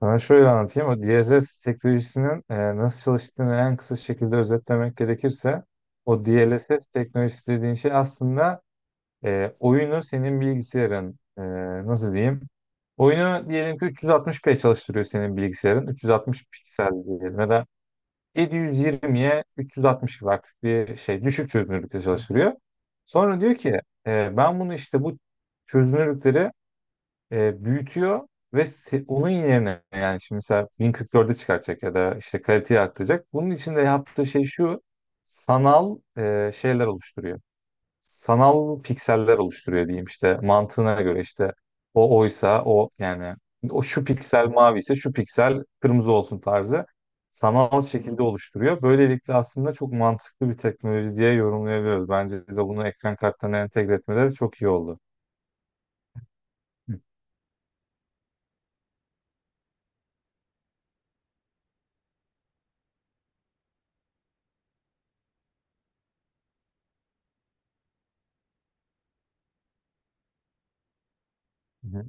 Sana şöyle anlatayım. O DLSS teknolojisinin nasıl çalıştığını en kısa şekilde özetlemek gerekirse o DLSS teknolojisi dediğin şey aslında oyunu senin bilgisayarın nasıl diyeyim? Oyunu diyelim ki 360p çalıştırıyor senin bilgisayarın. 360 piksel diyelim ya da 720'ye 360 gibi artık bir şey düşük çözünürlükte çalıştırıyor. Sonra diyor ki ben bunu işte bu çözünürlükleri büyütüyor ve onun yerine yani şimdi mesela 1044'e çıkartacak ya da işte kaliteyi arttıracak. Bunun için de yaptığı şey şu, sanal şeyler oluşturuyor. Sanal pikseller oluşturuyor diyeyim işte, mantığına göre işte o oysa o yani o şu piksel mavi ise şu piksel kırmızı olsun tarzı sanal şekilde oluşturuyor. Böylelikle aslında çok mantıklı bir teknoloji diye yorumlayabiliyoruz. Bence de bunu ekran kartlarına entegre etmeleri çok iyi oldu. Evet.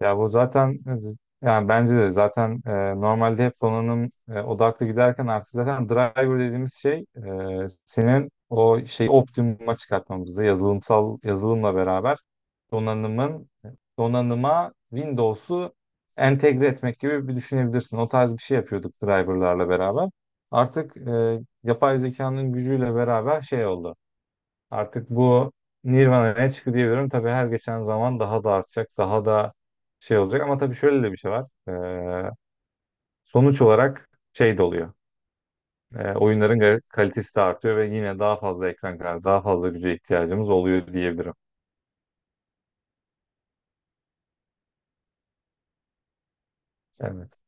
Ya bu zaten yani bence de zaten normalde hep donanım odaklı giderken artık zaten driver dediğimiz şey senin o şey optimuma çıkartmamızda yazılımsal yazılımla beraber donanımın, donanıma Windows'u entegre etmek gibi bir düşünebilirsin. O tarz bir şey yapıyorduk driverlarla beraber. Artık yapay zekanın gücüyle beraber şey oldu. Artık bu Nirvana'ya çıktı diyebilirim. Tabii her geçen zaman daha da artacak, daha da şey olacak. Ama tabii şöyle de bir şey var. Ee, Sonuç olarak şey de oluyor. Oyunların kalitesi de artıyor ve yine daha fazla ekran kartı, daha fazla güce ihtiyacımız oluyor diyebilirim. Evet.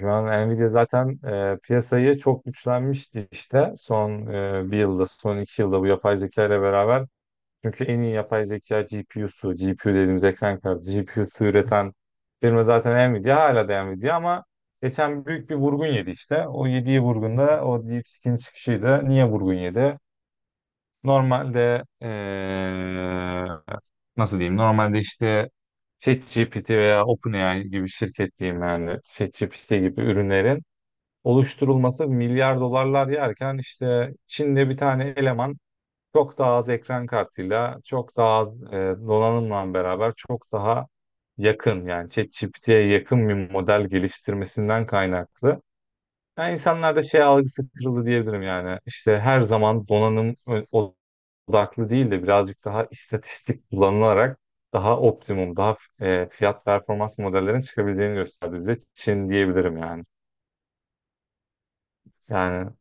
Şu an Nvidia zaten piyasayı çok güçlenmişti işte. Son bir yılda, son iki yılda bu yapay zeka ile beraber. Çünkü en iyi yapay zeka GPU'su, GPU dediğimiz ekran kartı, GPU'su üreten firma zaten Nvidia, hala da Nvidia, ama geçen büyük bir vurgun yedi işte. O yediği vurgunda o DeepSeek'in çıkışıydı. Niye vurgun yedi? Normalde nasıl diyeyim? Normalde işte ChatGPT veya OpenAI gibi şirket diyeyim, yani ChatGPT gibi ürünlerin oluşturulması milyar dolarlar yerken işte Çin'de bir tane eleman çok daha az ekran kartıyla, çok daha az donanımla beraber çok daha yakın, yani ChatGPT'ye yakın bir model geliştirmesinden kaynaklı. Yani insanlarda şey algısı kırıldı diyebilirim yani. İşte her zaman donanım odaklı değil de birazcık daha istatistik kullanılarak daha optimum, daha fiyat performans modellerin çıkabildiğini gösterdi bize Çin diyebilirim yani. Yani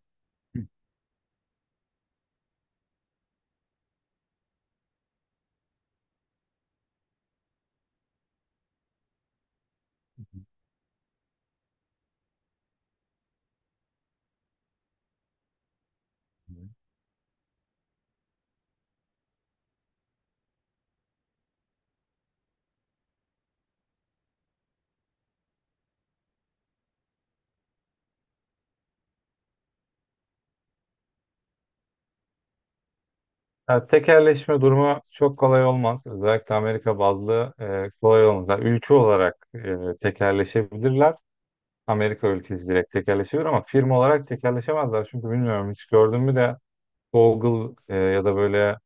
Ya tekelleşme durumu çok kolay olmaz. Özellikle Amerika bazlı kolay olmaz. Yani ülke olarak tekelleşebilirler. Amerika ülkesi direkt tekelleşebilir ama firma olarak tekelleşemezler. Çünkü bilmiyorum, hiç gördün mü de Google ya da böyle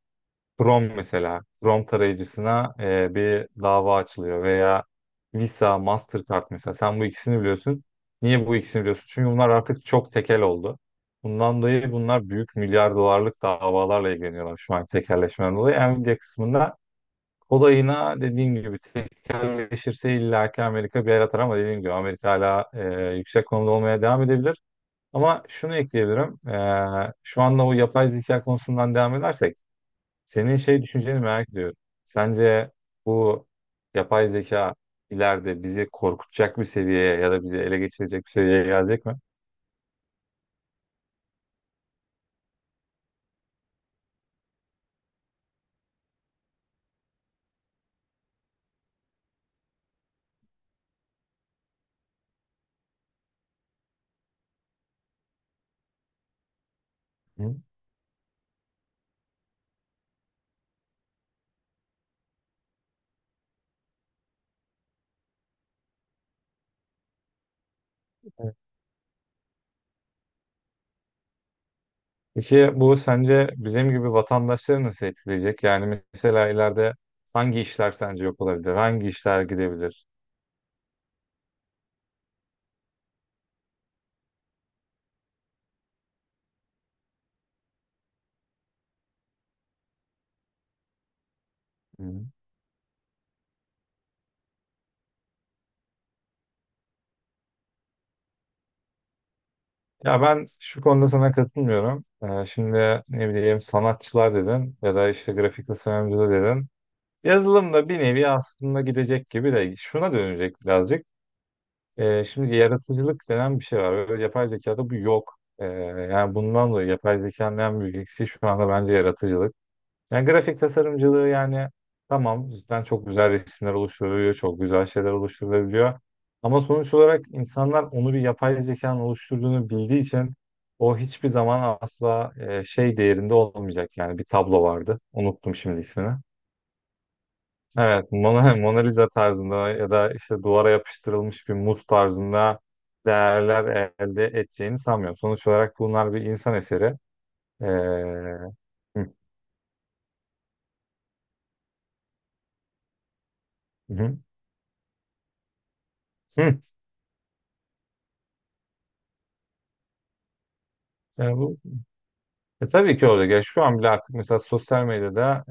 Chrome, mesela Chrome tarayıcısına bir dava açılıyor veya Visa, Mastercard, mesela sen bu ikisini biliyorsun. Niye bu ikisini biliyorsun? Çünkü bunlar artık çok tekel oldu. Bundan dolayı bunlar büyük milyar dolarlık davalarla ilgileniyorlar şu an tekelleşmeden dolayı. Nvidia kısmında kolayına dediğim gibi tekelleşirse illaki Amerika bir yer atar ama dediğim gibi Amerika hala yüksek konumda olmaya devam edebilir. Ama şunu ekleyebilirim. Şu anda o yapay zeka konusundan devam edersek senin şey düşünceni merak ediyorum. Sence bu yapay zeka ileride bizi korkutacak bir seviyeye ya da bizi ele geçirecek bir seviyeye gelecek mi? Hı. Evet. Peki bu sence bizim gibi vatandaşları nasıl etkileyecek? Yani mesela ileride hangi işler sence yok olabilir? Hangi işler gidebilir? Hı. Ya ben şu konuda sana katılmıyorum. Şimdi ne bileyim, sanatçılar dedin ya da işte grafik tasarımcılar dedin. Yazılım da bir nevi aslında gidecek gibi de, şuna dönecek birazcık. Şimdi yaratıcılık denen bir şey var. Ve yapay zekada bu yok. Yani bundan dolayı yapay zekanın en büyük eksiği şu anda bence yaratıcılık. Yani grafik tasarımcılığı, yani tamam, cidden çok güzel resimler oluşturuluyor, çok güzel şeyler oluşturulabiliyor. Ama sonuç olarak insanlar onu bir yapay zekanın oluşturduğunu bildiği için o hiçbir zaman asla şey değerinde olmayacak. Yani bir tablo vardı. Unuttum şimdi ismini. Evet, Mona, Mona Lisa tarzında ya da işte duvara yapıştırılmış bir muz tarzında değerler elde edeceğini sanmıyorum. Sonuç olarak bunlar bir insan eseri. Ee, hı, hı, hı. Yani bu, tabii ki olacak. Ya şu an bile artık mesela sosyal medyada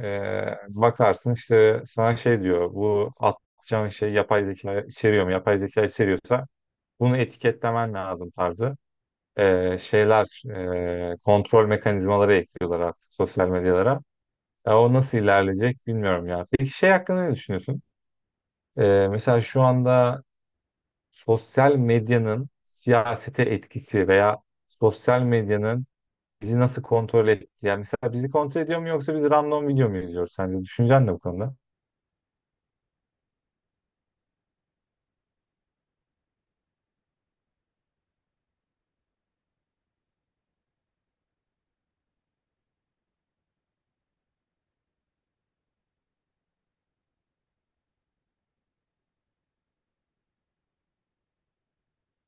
bakarsın işte, sana şey diyor, bu atacağın şey yapay zeka içeriyor mu? Yapay zeka içeriyorsa bunu etiketlemen lazım tarzı şeyler, kontrol mekanizmaları ekliyorlar artık sosyal medyalara. Ya o nasıl ilerleyecek bilmiyorum ya. Peki şey hakkında ne düşünüyorsun? Mesela şu anda sosyal medyanın siyasete etkisi veya sosyal medyanın bizi nasıl kontrol ettiği. Yani mesela bizi kontrol ediyor mu, yoksa biz random video mu izliyoruz sence? Düşüncen ne bu konuda?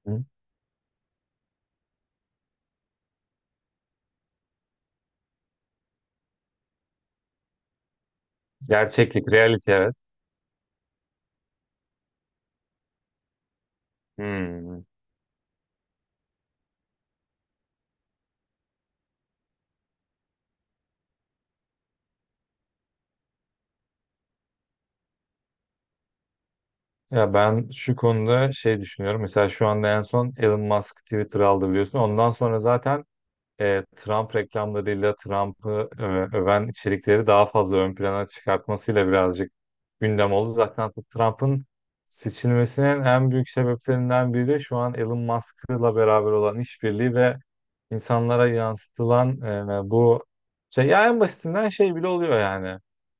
Hı? Gerçeklik, reality, evet. Hmm. Ya ben şu konuda şey düşünüyorum. Mesela şu anda en son Elon Musk Twitter aldı biliyorsun. Ondan sonra zaten Trump reklamlarıyla Trump'ı öven içerikleri daha fazla ön plana çıkartmasıyla birazcık gündem oldu. Zaten Trump'ın seçilmesinin en büyük sebeplerinden biri de şu an Elon Musk'la beraber olan işbirliği ve insanlara yansıtılan bu şey, ya en basitinden şey bile oluyor yani.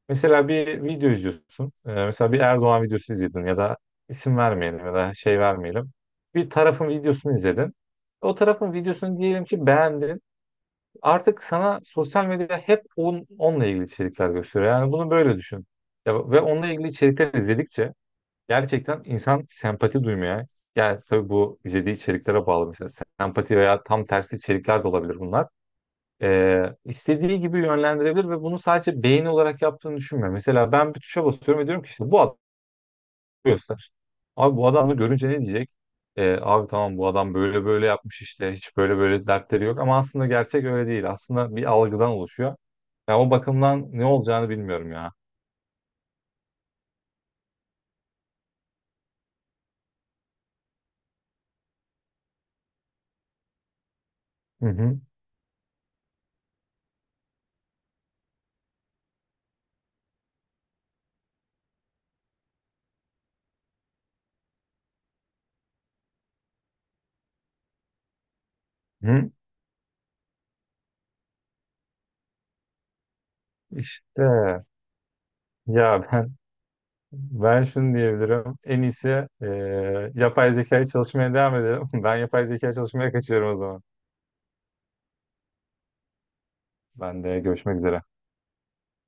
Mesela bir video izliyorsun. E, mesela bir Erdoğan videosu izledin ya da isim vermeyelim ya da şey vermeyelim. Bir tarafın videosunu izledin. O tarafın videosunu diyelim ki beğendin, artık sana sosyal medya hep onunla ilgili içerikler gösteriyor. Yani bunu böyle düşün. Ya, ve onunla ilgili içerikler izledikçe gerçekten insan sempati duymaya, yani tabii bu izlediği içeriklere bağlı, mesela sempati veya tam tersi içerikler de olabilir bunlar. İstediği gibi yönlendirebilir ve bunu sadece beğeni olarak yaptığını düşünmüyor. Mesela ben bir tuşa basıyorum ve diyorum ki işte bu, göster. Abi bu adamı görünce ne diyecek? Abi tamam, bu adam böyle böyle yapmış işte, hiç böyle böyle dertleri yok ama aslında gerçek öyle değil. Aslında bir algıdan oluşuyor. Ya o bakımdan ne olacağını bilmiyorum ya. Hı hı. Hı. İşte ya, ben şunu diyebilirim. En iyisi e, yapay zekayı çalışmaya devam edelim. Ben yapay zeka çalışmaya kaçıyorum o zaman. Ben de görüşmek üzere.